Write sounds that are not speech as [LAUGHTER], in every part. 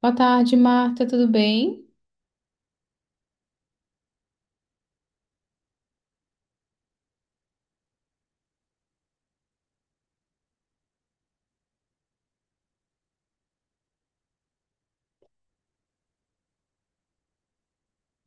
Boa tarde, Marta, tudo bem?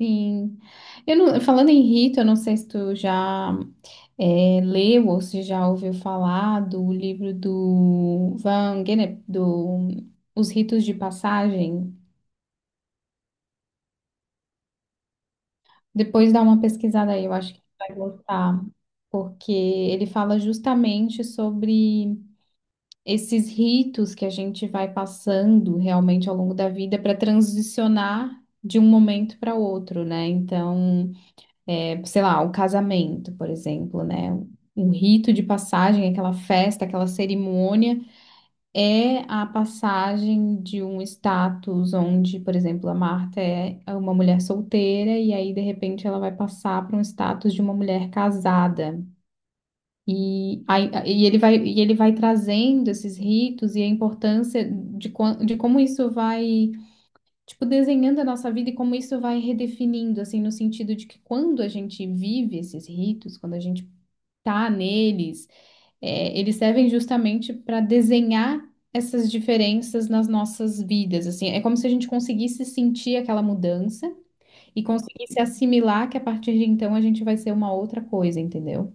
Sim. Eu não- Falando em Rita, eu não sei se tu já leu ou se já ouviu falar do livro do Van Gennep, do Os Ritos de Passagem. Depois dá uma pesquisada aí, eu acho que vai gostar, porque ele fala justamente sobre esses ritos que a gente vai passando realmente ao longo da vida para transicionar de um momento para outro, né? Sei lá, o casamento, por exemplo, né? Um rito de passagem, aquela festa, aquela cerimônia, é a passagem de um status onde, por exemplo, a Marta é uma mulher solteira e aí, de repente, ela vai passar para um status de uma mulher casada. E ele vai trazendo esses ritos e a importância de como isso vai tipo, desenhando a nossa vida e como isso vai redefinindo, assim, no sentido de que quando a gente vive esses ritos, quando a gente tá neles, eles servem justamente para desenhar essas diferenças nas nossas vidas, assim, é como se a gente conseguisse sentir aquela mudança e conseguisse assimilar que a partir de então a gente vai ser uma outra coisa, entendeu?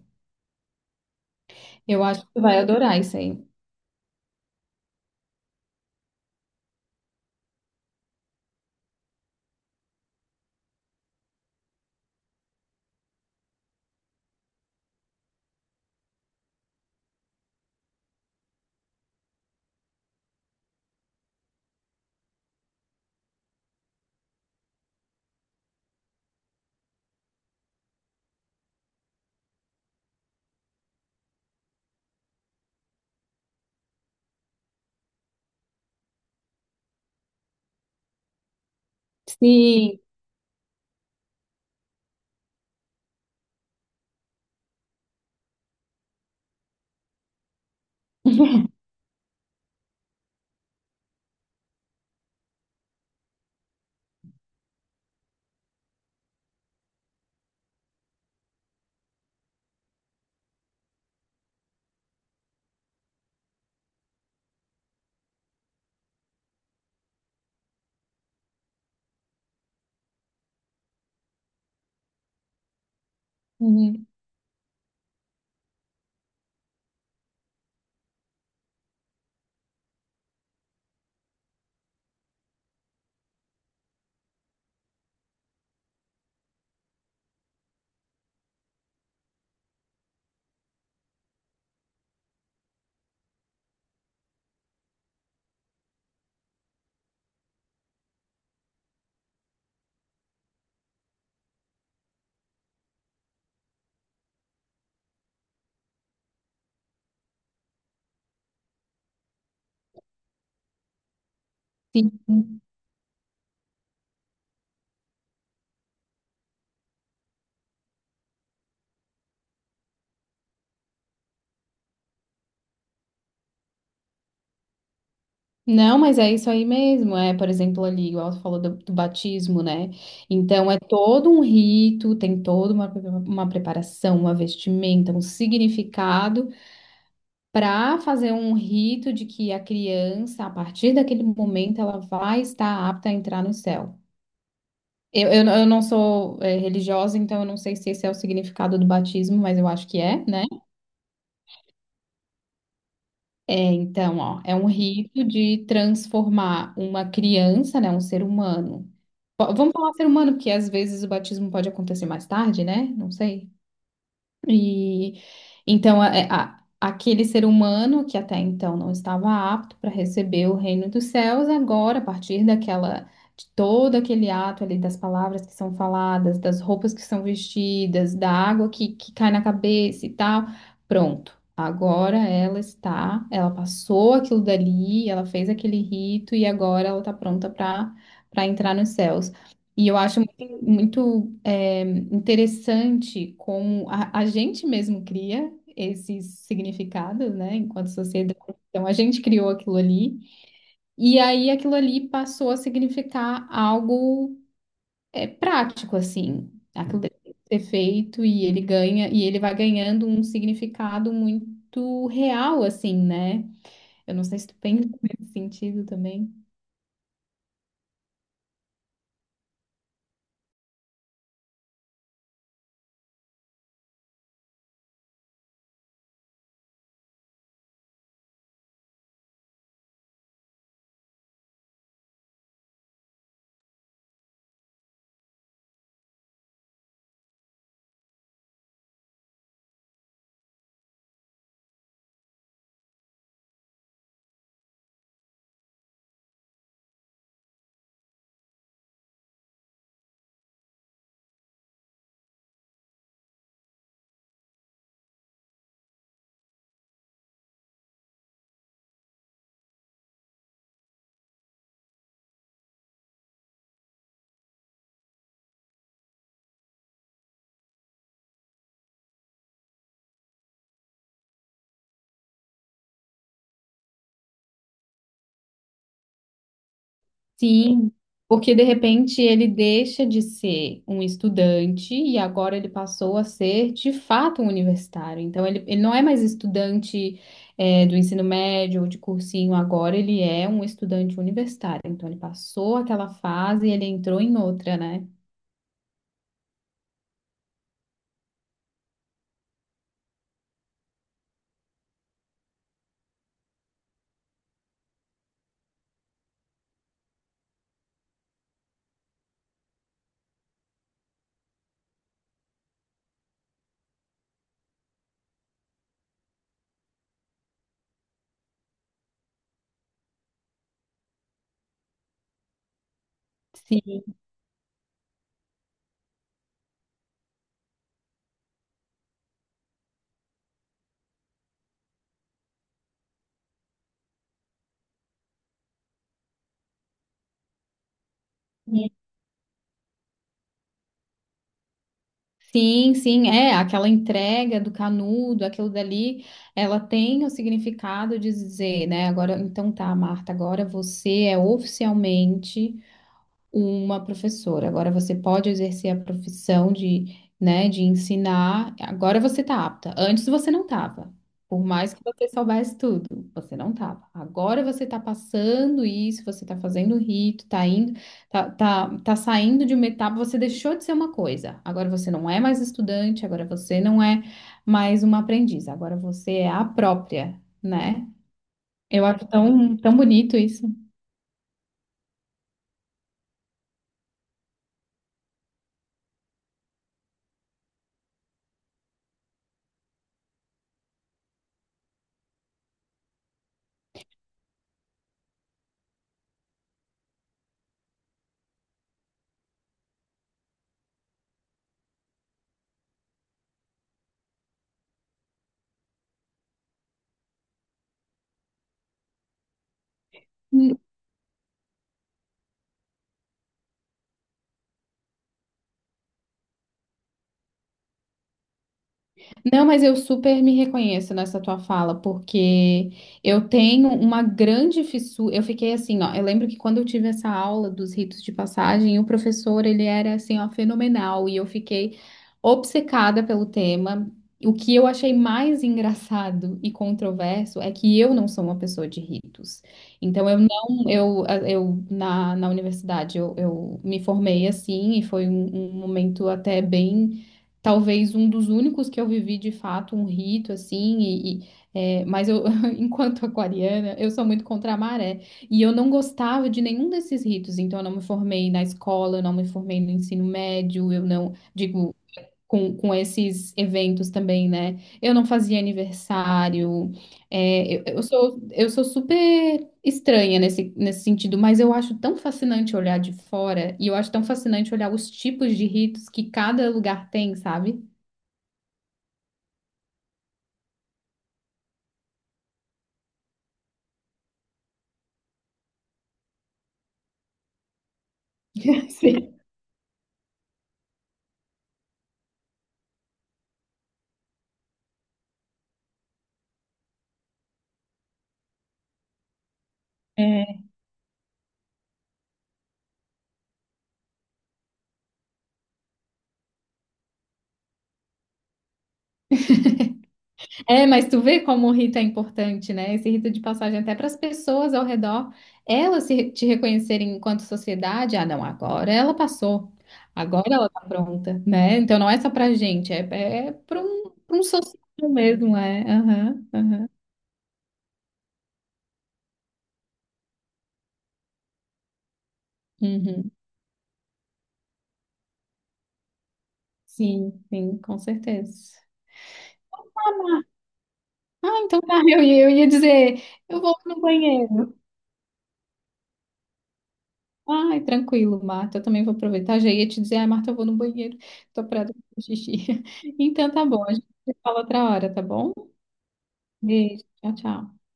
Eu acho que tu vai adorar isso aí. Sim. [LAUGHS] Uhum. Sim. Não, mas é isso aí mesmo. É, por exemplo, ali, igual você falou do batismo, né? Então é todo um rito, tem toda uma preparação, uma vestimenta, um significado para fazer um rito de que a criança, a partir daquele momento, ela vai estar apta a entrar no céu. Eu não sou, religiosa, então eu não sei se esse é o significado do batismo, mas eu acho que é, né? É, então, ó, é um rito de transformar uma criança, né, um ser humano. Vamos falar ser humano, porque às vezes o batismo pode acontecer mais tarde, né? Não sei. E então aquele ser humano que até então não estava apto para receber o reino dos céus, agora, a partir daquela de todo aquele ato ali das palavras que são faladas, das roupas que são vestidas, da água que cai na cabeça e tal, pronto. Agora ela está, ela passou aquilo dali, ela fez aquele rito e agora ela está pronta para entrar nos céus. E eu acho muito, muito, interessante como a gente mesmo cria esses significados, né, enquanto sociedade. Então, a gente criou aquilo ali, e aí aquilo ali passou a significar algo prático, assim. Aquilo deve ser feito e ele ganha, e ele vai ganhando um significado muito real, assim, né? Eu não sei se tu pensa [LAUGHS] nesse sentido também. Sim, porque de repente ele deixa de ser um estudante e agora ele passou a ser de fato um universitário. Então ele não é mais estudante do ensino médio ou de cursinho, agora ele é um estudante universitário. Então ele passou aquela fase e ele entrou em outra, né? Sim. Sim, sim, é aquela entrega do canudo, aquilo dali, ela tem o significado de dizer, né? Agora, então tá, Marta, agora você é oficialmente uma professora. Agora você pode exercer a profissão de, né, de ensinar. Agora você tá apta. Antes você não tava. Por mais que você soubesse tudo, você não tava. Agora você tá passando isso, você tá fazendo o rito, tá indo, tá saindo de uma etapa, você deixou de ser uma coisa. Agora você não é mais estudante, agora você não é mais uma aprendiz, agora você é a própria, né? Eu acho tão, tão bonito isso. Não, mas eu super me reconheço nessa tua fala, porque eu tenho uma grande fissura. Eu fiquei assim, ó. Eu lembro que quando eu tive essa aula dos ritos de passagem, o professor, ele era assim, ó, fenomenal, e eu fiquei obcecada pelo tema. O que eu achei mais engraçado e controverso é que eu não sou uma pessoa de ritos. Então, eu não, eu na, na universidade, eu me formei assim, e foi um um momento até bem. Talvez um dos únicos que eu vivi de fato um rito assim, mas eu, [LAUGHS] enquanto aquariana, eu sou muito contra a maré. E eu não gostava de nenhum desses ritos, então eu não me formei na escola, eu não me formei no ensino médio, eu não, digo, com esses eventos também, né? Eu não fazia aniversário, eu sou super estranha nesse sentido, mas eu acho tão fascinante olhar de fora, e eu acho tão fascinante olhar os tipos de ritos que cada lugar tem, sabe? [LAUGHS] Sim. É. É, mas tu vê como o rito é importante, né? Esse rito de passagem até para as pessoas ao redor, elas se, te reconhecerem enquanto sociedade, ah, não, agora ela passou, agora ela tá pronta, né? Então não é só pra gente, é pra um social mesmo, é. Aham, aham. Uhum. Sim, sim, com certeza. Ah, então tá, eu ia dizer, eu vou no banheiro. Ai, tranquilo, Marta. Eu também vou aproveitar. Já ia te dizer, ai, Marta, eu vou no banheiro. Tô parada com xixi. [LAUGHS] Então tá bom, a gente se fala outra hora, tá bom? Beijo, tchau, tchau.